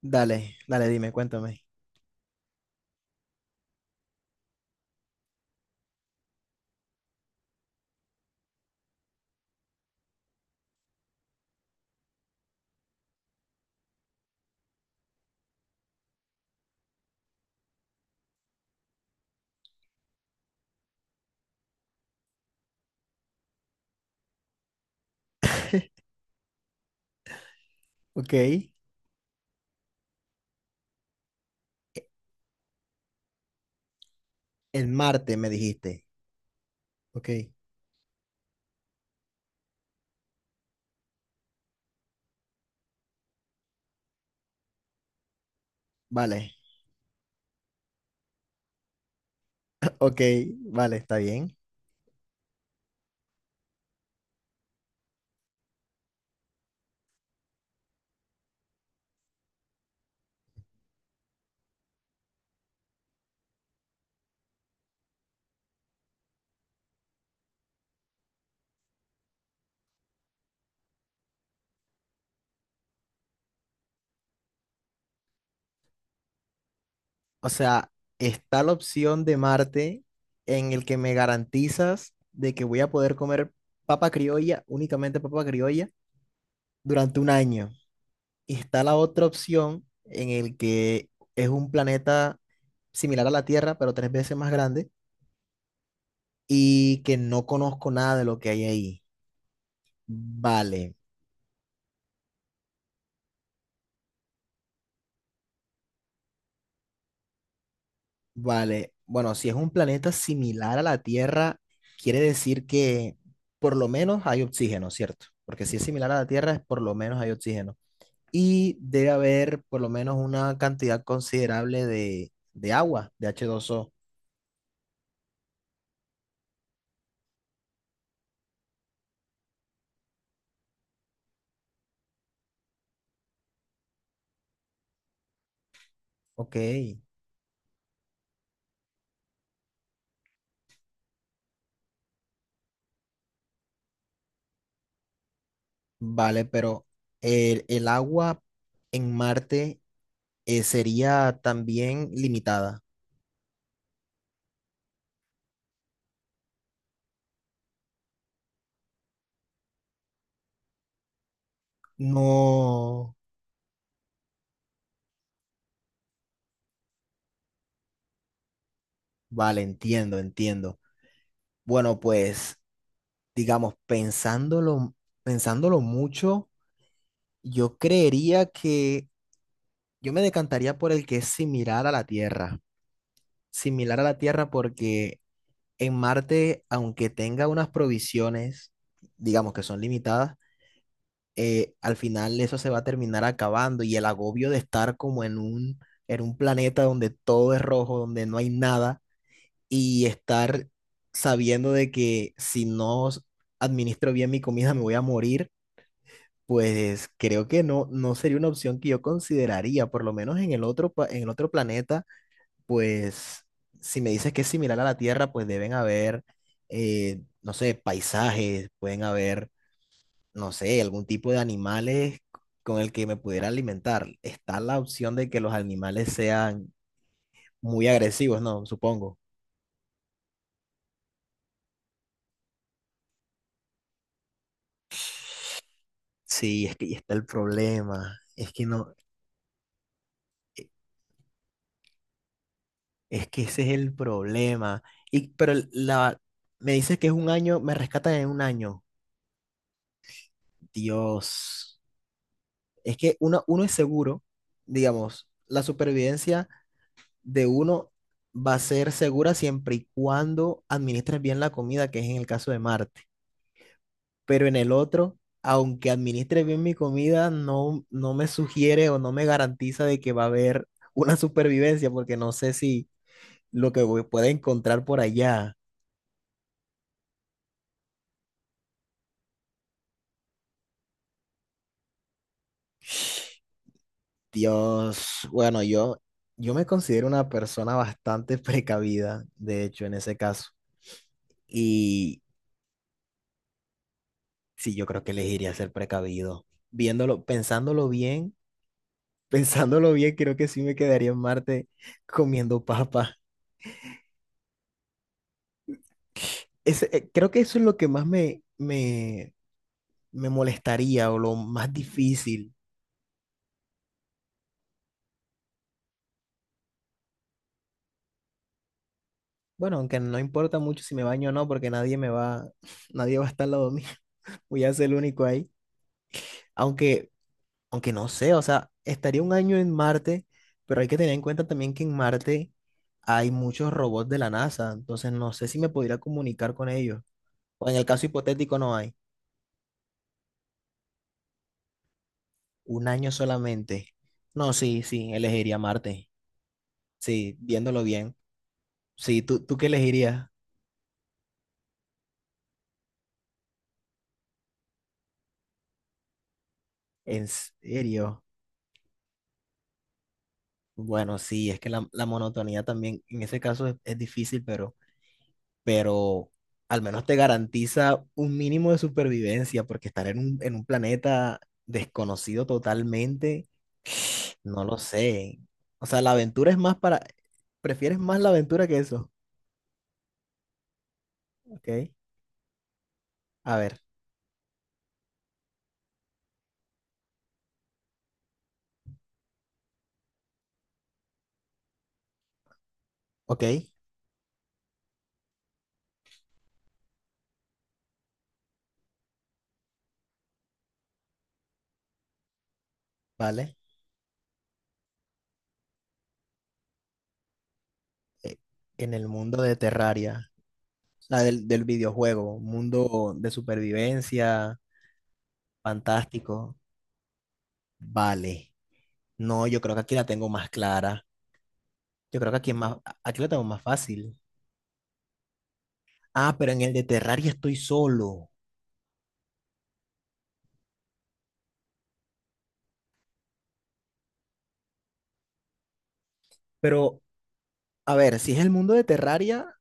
Dale, dime, cuéntame. Ok. El martes me dijiste. Ok. Vale. Ok, vale, está bien. O sea, está la opción de Marte en el que me garantizas de que voy a poder comer papa criolla, únicamente papa criolla, durante un año. Y está la otra opción en el que es un planeta similar a la Tierra, pero tres veces más grande y que no conozco nada de lo que hay ahí. Vale. Vale, bueno, si es un planeta similar a la Tierra, quiere decir que por lo menos hay oxígeno, ¿cierto? Porque si es similar a la Tierra, es por lo menos hay oxígeno. Y debe haber por lo menos una cantidad considerable de agua, de h dos o. Ok, vale, pero el agua en Marte sería también limitada. No, vale, entiendo, entiendo. Bueno, pues, digamos, pensándolo, pensándolo mucho, yo creería que yo me decantaría por el que es similar a la Tierra. Similar a la Tierra porque en Marte, aunque tenga unas provisiones, digamos que son limitadas, al final eso se va a terminar acabando y el agobio de estar como en en un planeta donde todo es rojo, donde no hay nada y estar sabiendo de que si no administro bien mi comida me voy a morir. Pues creo que no, no sería una opción que yo consideraría, por lo menos en el otro, en el otro planeta, pues si me dices que es similar a la Tierra, pues deben haber, no sé, paisajes, pueden haber, no sé, algún tipo de animales con el que me pudiera alimentar. Está la opción de que los animales sean muy agresivos, ¿no? Supongo. Sí, es que ahí está el problema. Es que no. eh, Es que ese es el problema. Y, pero la, Me dices que es un año, me rescatan en un año. Dios. Es que uno es seguro, digamos, la supervivencia de uno va a ser segura siempre y cuando administres bien la comida, que es en el caso de Marte. Pero en el otro, aunque administre bien mi comida, no, no me sugiere o no me garantiza de que va a haber una supervivencia, porque no sé si pueda encontrar por allá. Dios, bueno, yo me considero una persona bastante precavida, de hecho, en ese caso. Y sí, yo creo que elegiría ser precavido. Viéndolo, pensándolo bien, pensándolo bien, creo que sí me quedaría en Marte comiendo papa. Creo que eso es lo que más me molestaría o lo más difícil. Bueno, aunque no importa mucho si me baño o no, porque nadie me va, nadie va a estar al lado mío. Voy a ser el único ahí. Aunque Aunque no sé, o sea, estaría un año en Marte, pero hay que tener en cuenta también que en Marte hay muchos robots de la NASA, entonces no sé si me podría comunicar con ellos. O en el caso hipotético no hay, un año solamente. No, sí, sí, elegiría Marte. Sí, viéndolo bien. Sí, tú qué elegirías? ¿En serio? Bueno, sí, es que la monotonía también en ese caso es difícil, pero al menos te garantiza un mínimo de supervivencia, porque estar en en un planeta desconocido totalmente, no lo sé. O sea, la aventura es más para. Prefieres más la aventura que eso, ¿ok? A ver, ok, vale. eh, En el mundo de Terraria, o sea, del videojuego, mundo de supervivencia, fantástico, vale. No, yo creo que aquí la tengo más clara. Yo creo que aquí es más, aquí la tengo más fácil. Ah, pero en el de Terraria estoy solo. Pero, a ver, si es el mundo de Terraria,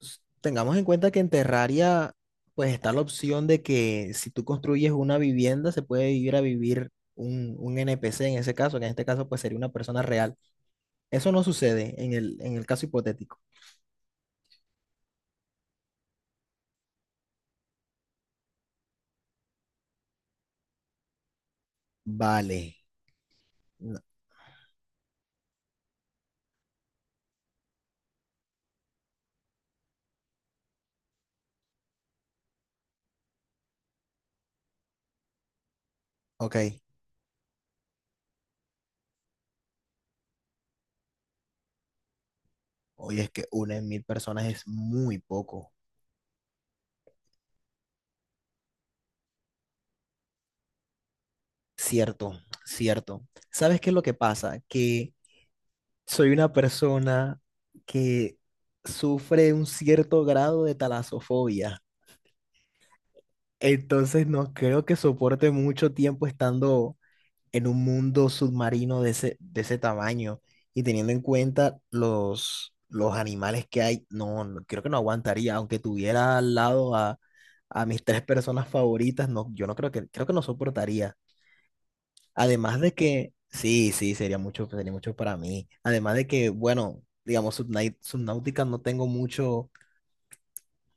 tengamos en cuenta que en Terraria, pues está la opción de que si tú construyes una vivienda, se puede ir a vivir un NPC en ese caso, que en este caso, pues sería una persona real. Eso no sucede en el caso hipotético. Vale. no- ok. Oye, es que una en mil personas es muy poco. Cierto, cierto. ¿Sabes qué es lo que pasa? Que soy una persona que sufre un cierto grado de talasofobia, entonces no creo que soporte mucho tiempo estando en un mundo submarino de ese tamaño y teniendo en cuenta los animales que hay, no, creo que no aguantaría, aunque tuviera al lado a mis tres personas favoritas, no, yo no creo que, creo que no soportaría. Además de que, sí, sí, sería mucho para mí. Además de que, bueno, digamos, Subnautica no tengo mucho,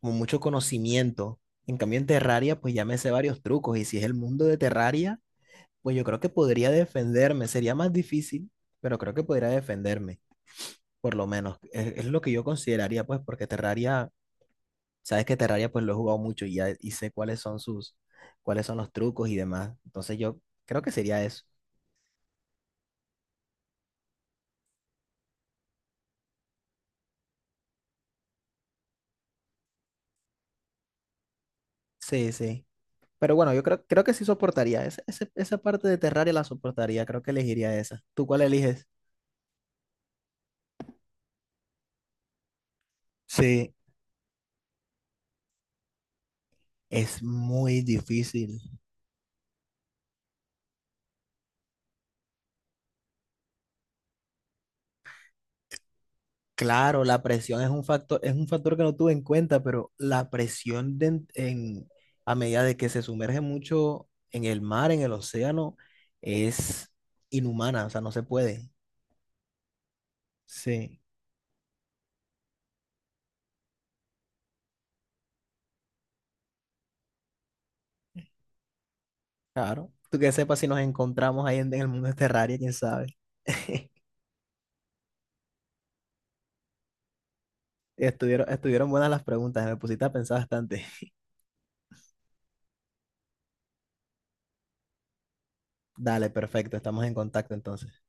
como mucho conocimiento. En cambio, en Terraria, pues ya me sé varios trucos. Y si es el mundo de Terraria, pues yo creo que podría defenderme. Sería más difícil, pero creo que podría defenderme, por lo menos. Es lo que yo consideraría, pues, porque Terraria, sabes que Terraria, pues lo he jugado mucho y ya y sé cuáles son sus, cuáles son los trucos y demás. Entonces yo creo que sería eso. Sí, sí. Pero bueno, yo creo, creo que sí soportaría. Esa parte de Terraria la soportaría. Creo que elegiría esa. ¿Tú cuál eliges? Sí, es muy difícil. Claro, la presión es un factor que no tuve en cuenta, pero la presión de en- a medida de que se sumerge mucho en el mar, en el océano, es inhumana. O sea, no se puede. Sí. Claro. Tú que sepas si nos encontramos ahí en el mundo de Terraria, quién sabe. Estuvieron, estuvieron buenas las preguntas. Me pusiste a pensar bastante. Dale, perfecto, estamos en contacto entonces.